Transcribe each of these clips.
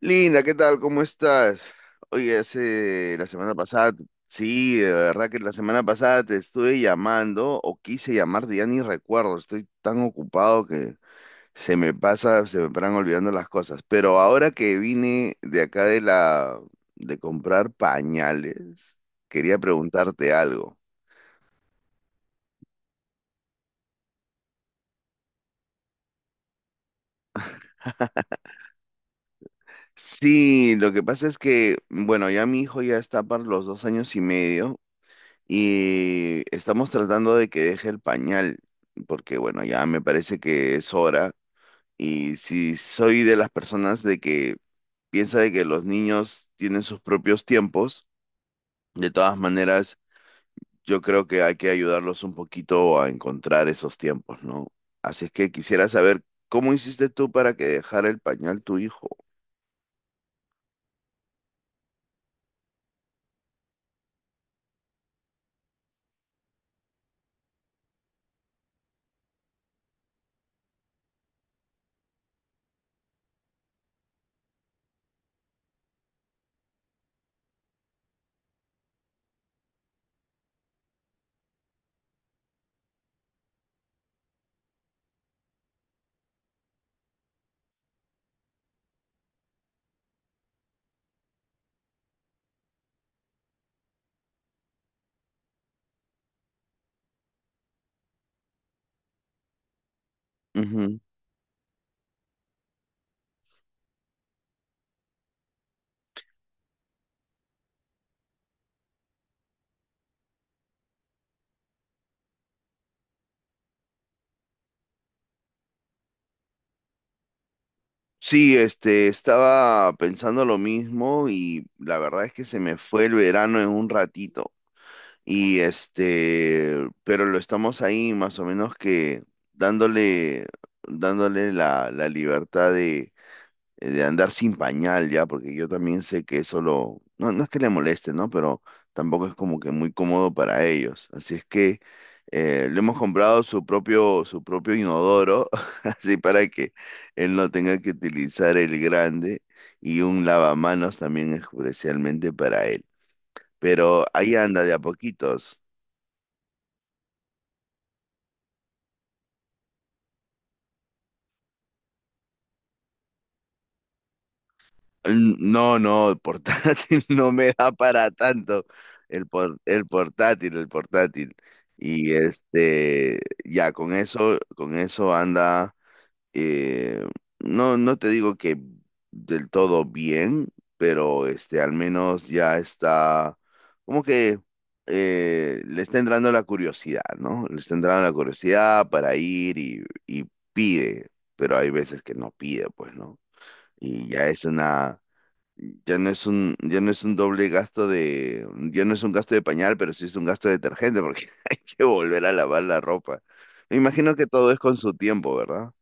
Linda, ¿qué tal? ¿Cómo estás? Oye, hace la semana pasada, sí, de verdad que la semana pasada te estuve llamando o quise llamarte, ya ni recuerdo, estoy tan ocupado que se me pasa, se me paran olvidando las cosas. Pero ahora que vine de acá de comprar pañales, quería preguntarte algo. Sí, lo que pasa es que, bueno, ya mi hijo ya está para los dos años y medio y estamos tratando de que deje el pañal, porque bueno, ya me parece que es hora. Y si soy de las personas de que piensa de que los niños tienen sus propios tiempos, de todas maneras, yo creo que hay que ayudarlos un poquito a encontrar esos tiempos, ¿no? Así es que quisiera saber, ¿cómo hiciste tú para que dejara el pañal tu hijo? Ujú. Sí, este, estaba pensando lo mismo y la verdad es que se me fue el verano en un ratito. Y este, pero lo estamos ahí más o menos que dándole, dándole la libertad de andar sin pañal ya, porque yo también sé que eso lo, no, no es que le moleste, ¿no? Pero tampoco es como que muy cómodo para ellos. Así es que le hemos comprado su propio inodoro, así para que él no tenga que utilizar el grande y un lavamanos también especialmente para él. Pero ahí anda de a poquitos. No, no, el portátil no me da para tanto. El portátil, el portátil. Y este, ya con eso anda, eh, no, no te digo que del todo bien, pero este, al menos ya está, como que le está entrando la curiosidad, ¿no? Le está entrando la curiosidad para ir y pide, pero hay veces que no pide, pues, ¿no? Y ya es una ya no es un, ya no es un doble gasto de, ya no es un gasto de pañal, pero sí es un gasto de detergente porque hay que volver a lavar la ropa. Me imagino que todo es con su tiempo, ¿verdad?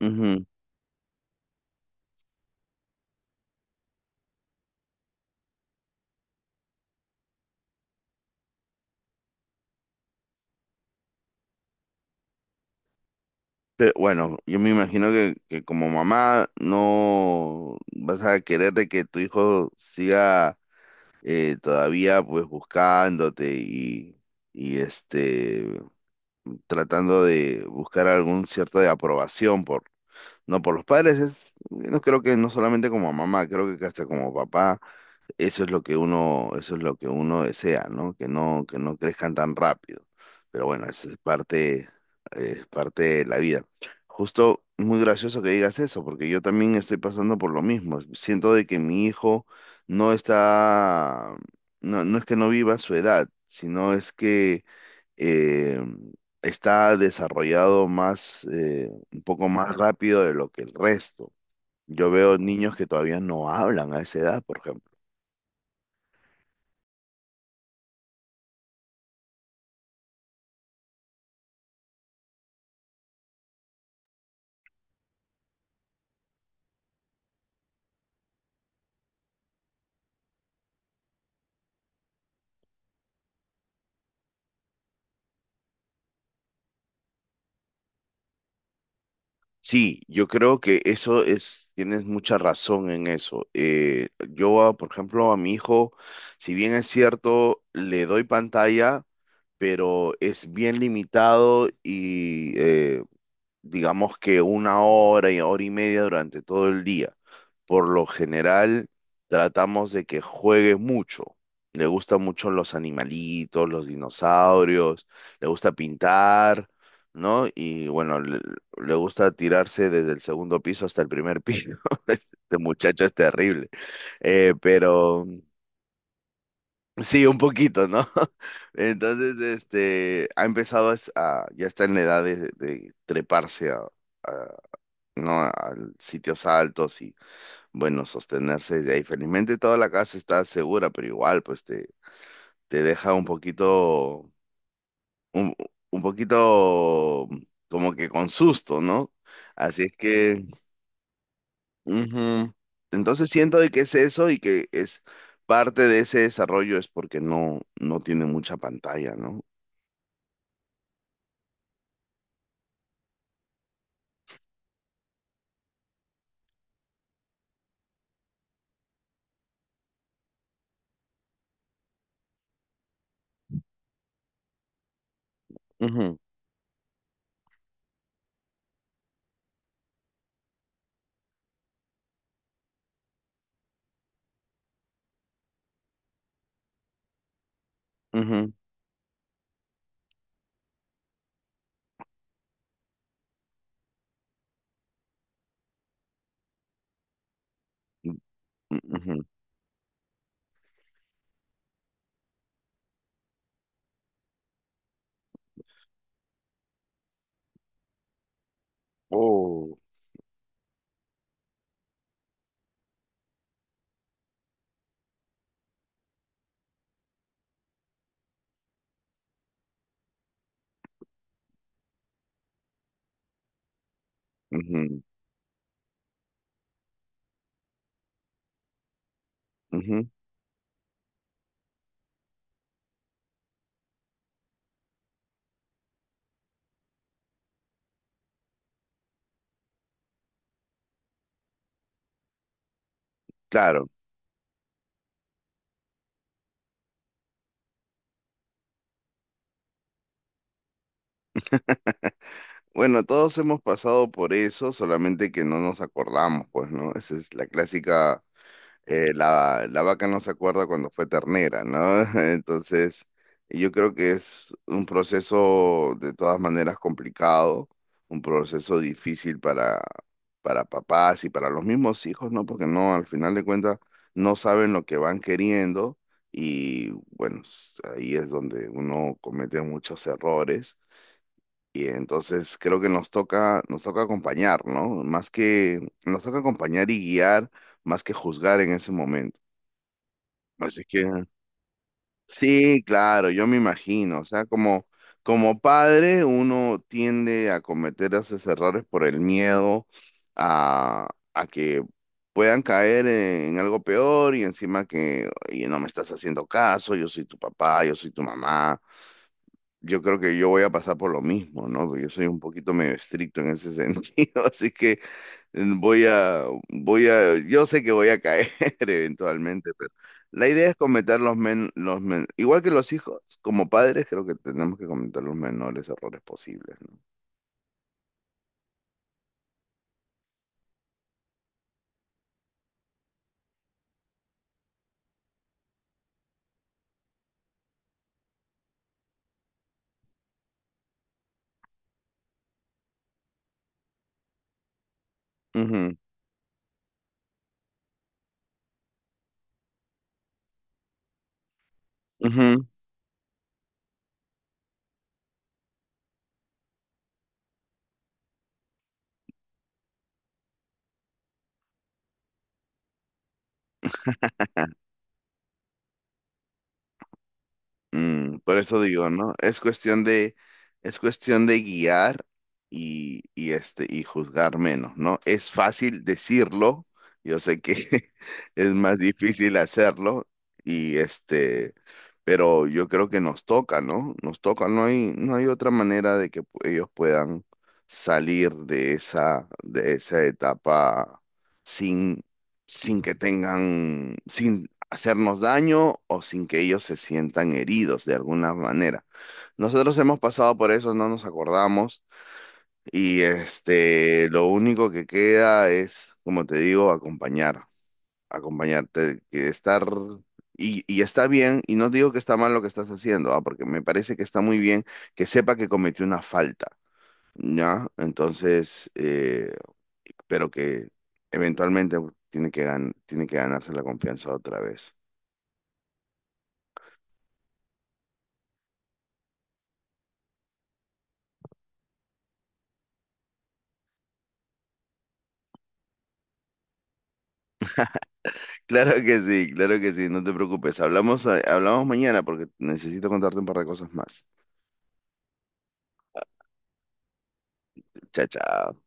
Ujú. Bueno, yo me imagino que como mamá no vas a querer de que tu hijo siga todavía pues buscándote y este tratando de buscar algún cierto de aprobación por, no, por los padres es, no creo que no solamente como mamá, creo que hasta como papá, eso es lo que uno, eso es lo que uno desea, ¿no? Que no, que no crezcan tan rápido. Pero bueno, eso es parte de la vida. Justo muy gracioso que digas eso, porque yo también estoy pasando por lo mismo. Siento de que mi hijo no está, no, no es que no viva su edad, sino es que eh, está desarrollado más, un poco más rápido de lo que el resto. Yo veo niños que todavía no hablan a esa edad, por ejemplo. Sí, yo creo que eso es, tienes mucha razón en eso. Yo, por ejemplo, a mi hijo, si bien es cierto, le doy pantalla, pero es bien limitado y digamos que una hora y hora y media durante todo el día. Por lo general, tratamos de que juegue mucho. Le gustan mucho los animalitos, los dinosaurios, le gusta pintar, ¿no? Y bueno, le gusta tirarse desde el segundo piso hasta el primer piso. Este muchacho es terrible. Pero sí, un poquito, ¿no? Entonces, este, ha empezado a, ya está en la edad de treparse a, no a sitios altos y bueno, sostenerse de ahí. Felizmente toda la casa está segura, pero igual pues te deja un, un poquito como que con susto, ¿no? Así es que, ujú. Entonces siento de que es eso y que es parte de ese desarrollo es porque no, no tiene mucha pantalla, ¿no? Ujú, ujú, ujú. Oh, ujú, ujú. Claro. Bueno, todos hemos pasado por eso, solamente que no nos acordamos, pues, ¿no? Esa es la clásica, la, la vaca no se acuerda cuando fue ternera, ¿no? Entonces, yo creo que es un proceso de todas maneras complicado, un proceso difícil para papás y para los mismos hijos, ¿no? Porque no, al final de cuentas, no saben lo que van queriendo y, bueno, ahí es donde uno comete muchos errores y entonces creo que nos toca acompañar, ¿no? Más que, nos toca acompañar y guiar, más que juzgar en ese momento. Así que, sí, claro, yo me imagino, o sea, como, como padre uno tiende a cometer esos errores por el miedo a, a que puedan caer en algo peor y encima que, oye, no me estás haciendo caso, yo soy tu papá, yo soy tu mamá. Yo creo que yo voy a pasar por lo mismo, ¿no? Porque yo soy un poquito medio estricto en ese sentido, así que voy a, voy a, yo sé que voy a caer eventualmente, pero la idea es cometer los men, igual que los hijos, como padres, creo que tenemos que cometer los menores errores posibles, no. Ujú, ujú. Mm, por eso digo, ¿no? Es cuestión de guiar y este, y juzgar menos, ¿no? Es fácil decirlo, yo sé que es más difícil hacerlo, y este, pero yo creo que nos toca, ¿no? Nos toca, no hay, no hay otra manera de que ellos puedan salir de esa etapa sin, sin que tengan, hacernos daño o sin que ellos se sientan heridos de alguna manera. Nosotros hemos pasado por eso, no nos acordamos y este, lo único que queda es, como te digo, acompañar, acompañarte, que estar y está bien y no digo que está mal lo que estás haciendo, ah, porque me parece que está muy bien que sepa que cometió una falta, ¿ya? Entonces, pero que eventualmente tiene que tiene que ganarse la confianza otra vez. Claro que sí, no te preocupes. Hablamos, hablamos mañana porque necesito contarte un par de cosas más. Chao, chao.